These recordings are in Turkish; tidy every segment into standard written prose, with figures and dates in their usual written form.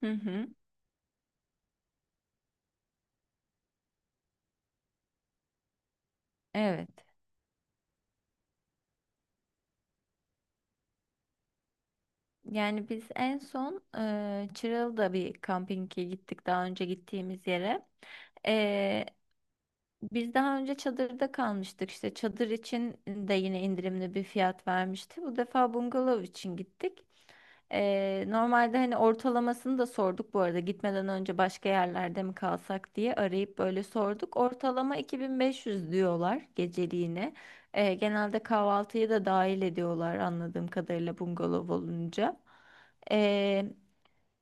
Hı hı, evet. Yani biz en son Çıralı'da bir kampinge gittik daha önce gittiğimiz yere. Biz daha önce çadırda kalmıştık işte çadır için de yine indirimli bir fiyat vermişti. Bu defa bungalov için gittik. Normalde hani ortalamasını da sorduk bu arada gitmeden önce başka yerlerde mi kalsak diye arayıp böyle sorduk. Ortalama 2500 diyorlar geceliğine. Genelde kahvaltıyı da dahil ediyorlar anladığım kadarıyla bungalov olunca.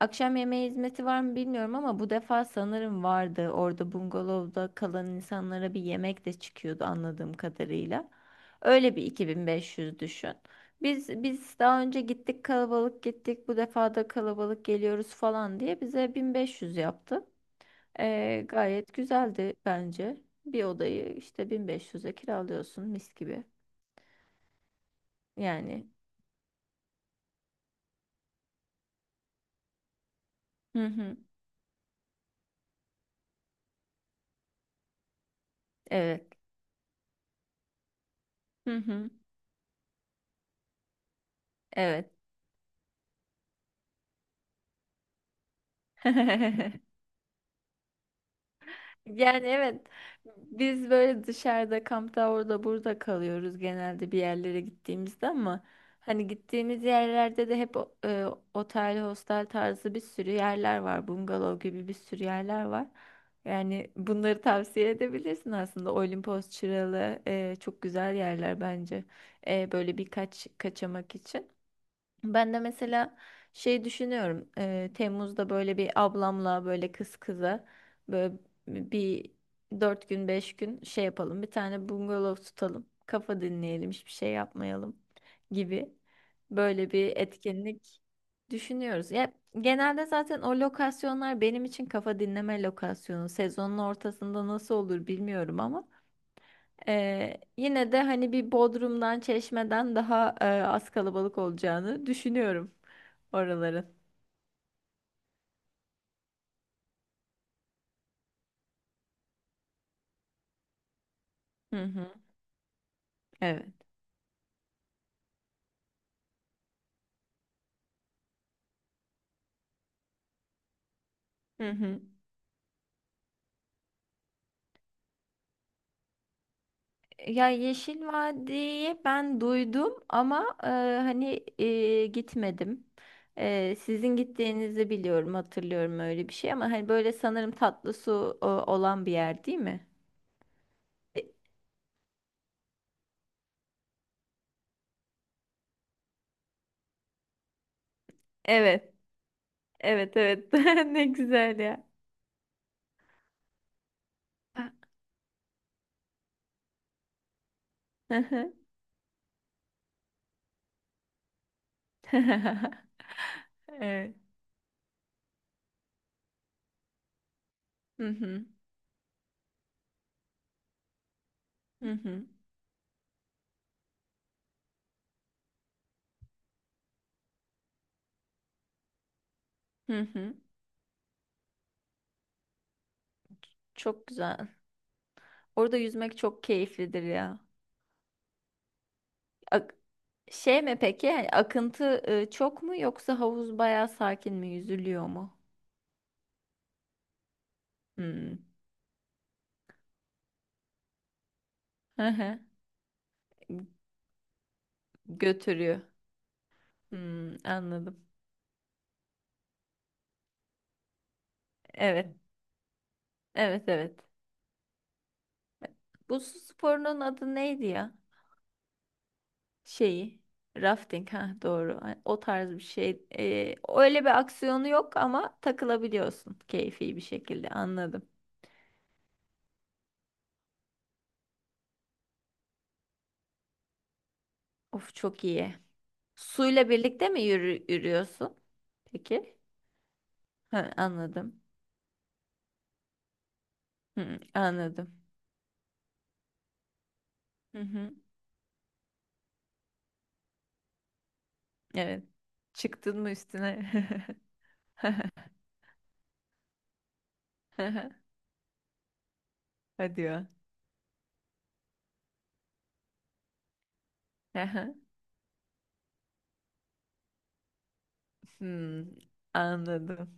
Akşam yemeği hizmeti var mı bilmiyorum ama bu defa sanırım vardı. Orada bungalovda kalan insanlara bir yemek de çıkıyordu anladığım kadarıyla. Öyle bir 2500 düşün. Biz daha önce gittik kalabalık gittik. Bu defa da kalabalık geliyoruz falan diye bize 1500 yaptı. Gayet güzeldi bence. Bir odayı işte 1500'e kiralıyorsun mis gibi. Yani. Hı hı. Evet. Hı hı. Evet. Yani evet, biz böyle dışarıda kampta orada burada kalıyoruz genelde bir yerlere gittiğimizde, ama hani gittiğimiz yerlerde de hep otel, hostel tarzı bir sürü yerler var. Bungalov gibi bir sürü yerler var. Yani bunları tavsiye edebilirsin aslında. Olimpos, Çıralı çok güzel yerler bence. Böyle birkaç kaçamak için. Ben de mesela şey düşünüyorum. Temmuz'da böyle bir ablamla böyle kız kıza böyle bir dört gün beş gün şey yapalım. Bir tane bungalov tutalım. Kafa dinleyelim, hiçbir şey yapmayalım gibi böyle bir etkinlik düşünüyoruz. Ya genelde zaten o lokasyonlar benim için kafa dinleme lokasyonu. Sezonun ortasında nasıl olur bilmiyorum ama. Yine de hani bir Bodrum'dan, Çeşme'den daha az kalabalık olacağını düşünüyorum oraların. Hı hı. Evet. Hı hı. Ya Yeşil Vadi'yi ben duydum ama hani gitmedim. Sizin gittiğinizi biliyorum, hatırlıyorum öyle bir şey, ama hani böyle sanırım tatlı su olan bir yer değil mi? E, Evet, evet, evet. Ne güzel ya. Evet. Hı hı. Hı hı. Hı hı. Çok güzel. Orada yüzmek çok keyiflidir ya. Ak- Şey mi peki? Yani akıntı çok mu, yoksa havuz bayağı sakin mi? Yüzülüyor mu? Hmm. Hı hı. Götürüyor. Hmm, anladım. Evet. Evet, evet. Bu su sporunun adı neydi ya? Şeyi. Rafting, ha doğru. Ay, o tarz bir şey. Öyle bir aksiyonu yok ama takılabiliyorsun keyfi bir şekilde. Anladım. Of, çok iyi. Suyla birlikte mi yürüyorsun? Peki. Ha, anladım. Hı, anladım. Hı hı. Evet. Çıktın mı üstüne? Hadi ya. Hı hı. Hmm, anladım.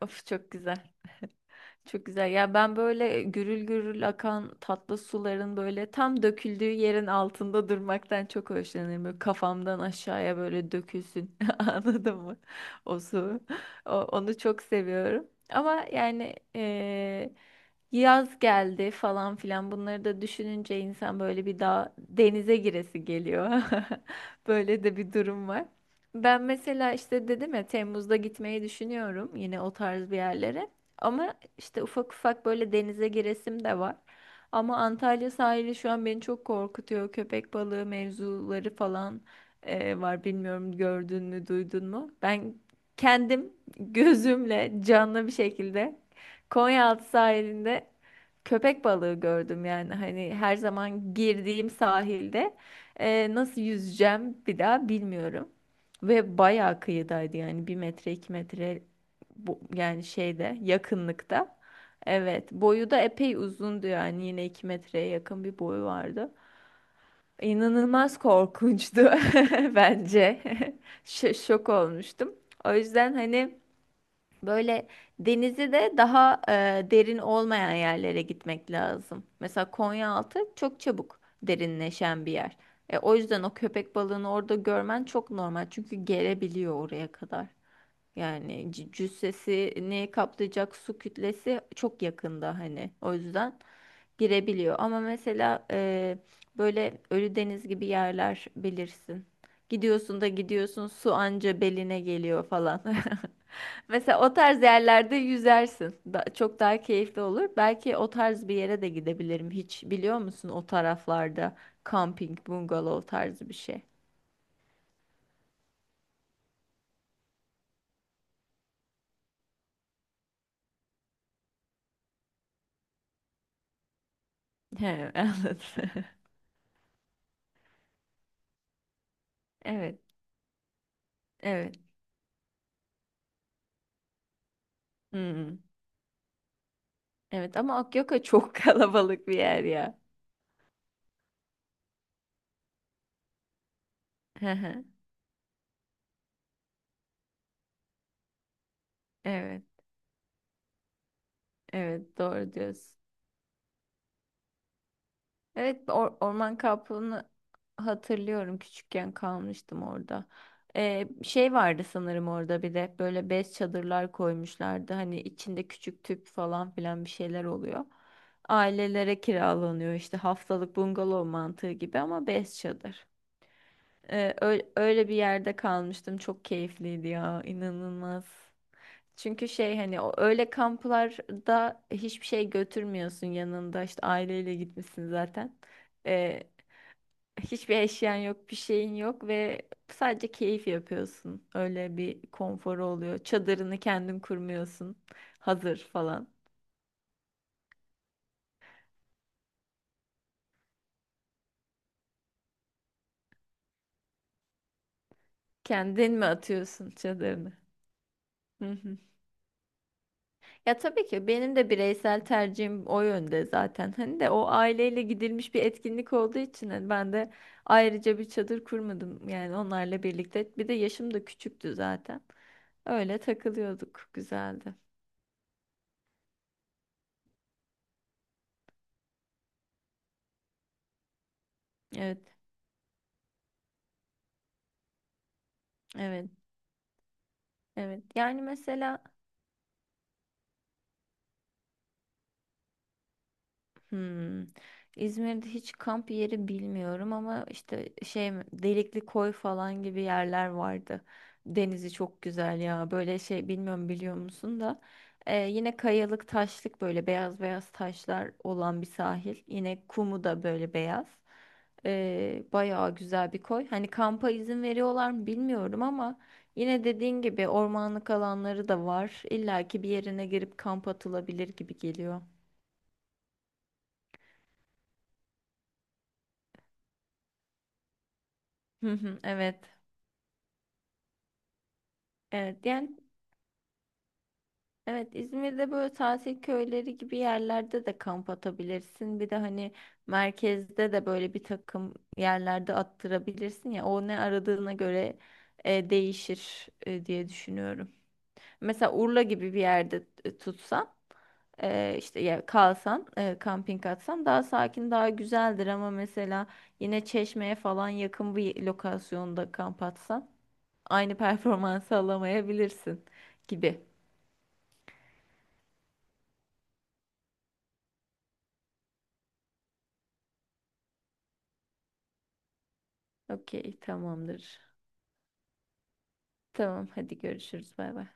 Of çok güzel. Çok güzel. Ya ben böyle gürül gürül akan tatlı suların böyle tam döküldüğü yerin altında durmaktan çok hoşlanırım. Böyle kafamdan aşağıya böyle dökülsün. Anladın mı? O su. Onu çok seviyorum. Ama yani yaz geldi falan filan bunları da düşününce insan böyle bir daha denize giresi geliyor. Böyle de bir durum var. Ben mesela işte dedim ya, Temmuz'da gitmeyi düşünüyorum yine o tarz bir yerlere. Ama işte ufak ufak böyle denize giresim de var. Ama Antalya sahili şu an beni çok korkutuyor. Köpek balığı mevzuları falan var. Bilmiyorum, gördün mü, duydun mu? Ben kendim gözümle canlı bir şekilde Konyaaltı sahilinde köpek balığı gördüm, yani hani her zaman girdiğim sahilde nasıl yüzeceğim bir daha bilmiyorum. Ve bayağı kıyıdaydı, yani bir metre iki metre bu, yani şeyde yakınlıkta. Evet, boyu da epey uzundu, yani yine 2 metreye yakın bir boyu vardı. İnanılmaz korkunçtu bence. Şok olmuştum. O yüzden hani böyle denizi de daha derin olmayan yerlere gitmek lazım. Mesela Konyaaltı çok çabuk derinleşen bir yer. O yüzden o köpek balığını orada görmen çok normal. Çünkü gelebiliyor oraya kadar. Yani cüssesini kaplayacak su kütlesi çok yakında hani. O yüzden girebiliyor. Ama mesela böyle Ölüdeniz gibi yerler bilirsin. Gidiyorsun da gidiyorsun, su anca beline geliyor falan. Mesela o tarz yerlerde yüzersin. Çok daha keyifli olur. Belki o tarz bir yere de gidebilirim. Hiç biliyor musun o taraflarda camping, bungalov tarzı bir şey. He, anladım. Evet, evet. Hmm. Evet ama Akyaka çok kalabalık bir yer ya. Hı hı. Evet, evet, doğru diyorsun. Evet, orman kampını hatırlıyorum. Küçükken kalmıştım orada. Şey vardı sanırım orada, bir de böyle bez çadırlar koymuşlardı. Hani içinde küçük tüp falan filan bir şeyler oluyor. Ailelere kiralanıyor işte haftalık bungalov mantığı gibi ama bez çadır. Öyle bir yerde kalmıştım. Çok keyifliydi ya, inanılmaz. Çünkü şey hani o öyle kamplarda hiçbir şey götürmüyorsun yanında. İşte aileyle gitmişsin zaten. Hiçbir eşyan yok, bir şeyin yok, ve sadece keyif yapıyorsun. Öyle bir konforu oluyor. Çadırını kendin kurmuyorsun. Hazır falan. Kendin mi atıyorsun çadırını? Hı hı. Ya tabii ki benim de bireysel tercihim o yönde zaten. Hani de o aileyle gidilmiş bir etkinlik olduğu için hani ben de ayrıca bir çadır kurmadım. Yani onlarla birlikte. Bir de yaşım da küçüktü zaten. Öyle takılıyorduk. Güzeldi. Evet, evet, evet. Yani mesela Hmm. İzmir'de hiç kamp yeri bilmiyorum, ama işte şey mi, Delikli Koy falan gibi yerler vardı. Denizi çok güzel ya. Böyle şey bilmiyorum, biliyor musun da yine kayalık taşlık böyle beyaz beyaz taşlar olan bir sahil. Yine kumu da böyle beyaz. Bayağı güzel bir koy. Hani kampa izin veriyorlar mı bilmiyorum ama yine dediğin gibi ormanlık alanları da var. İlla ki bir yerine girip kamp atılabilir gibi geliyor. Hı hı, evet. Evet, yani evet, İzmir'de böyle tatil köyleri gibi yerlerde de kamp atabilirsin. Bir de hani merkezde de böyle bir takım yerlerde attırabilirsin ya. O ne aradığına göre değişir diye düşünüyorum. Mesela Urla gibi bir yerde tutsan, işte ya kalsan, kamping atsan daha sakin daha güzeldir, ama mesela yine Çeşme'ye falan yakın bir lokasyonda kamp atsan aynı performansı alamayabilirsin gibi. Okey, tamamdır. Tamam, hadi görüşürüz. Bay bay.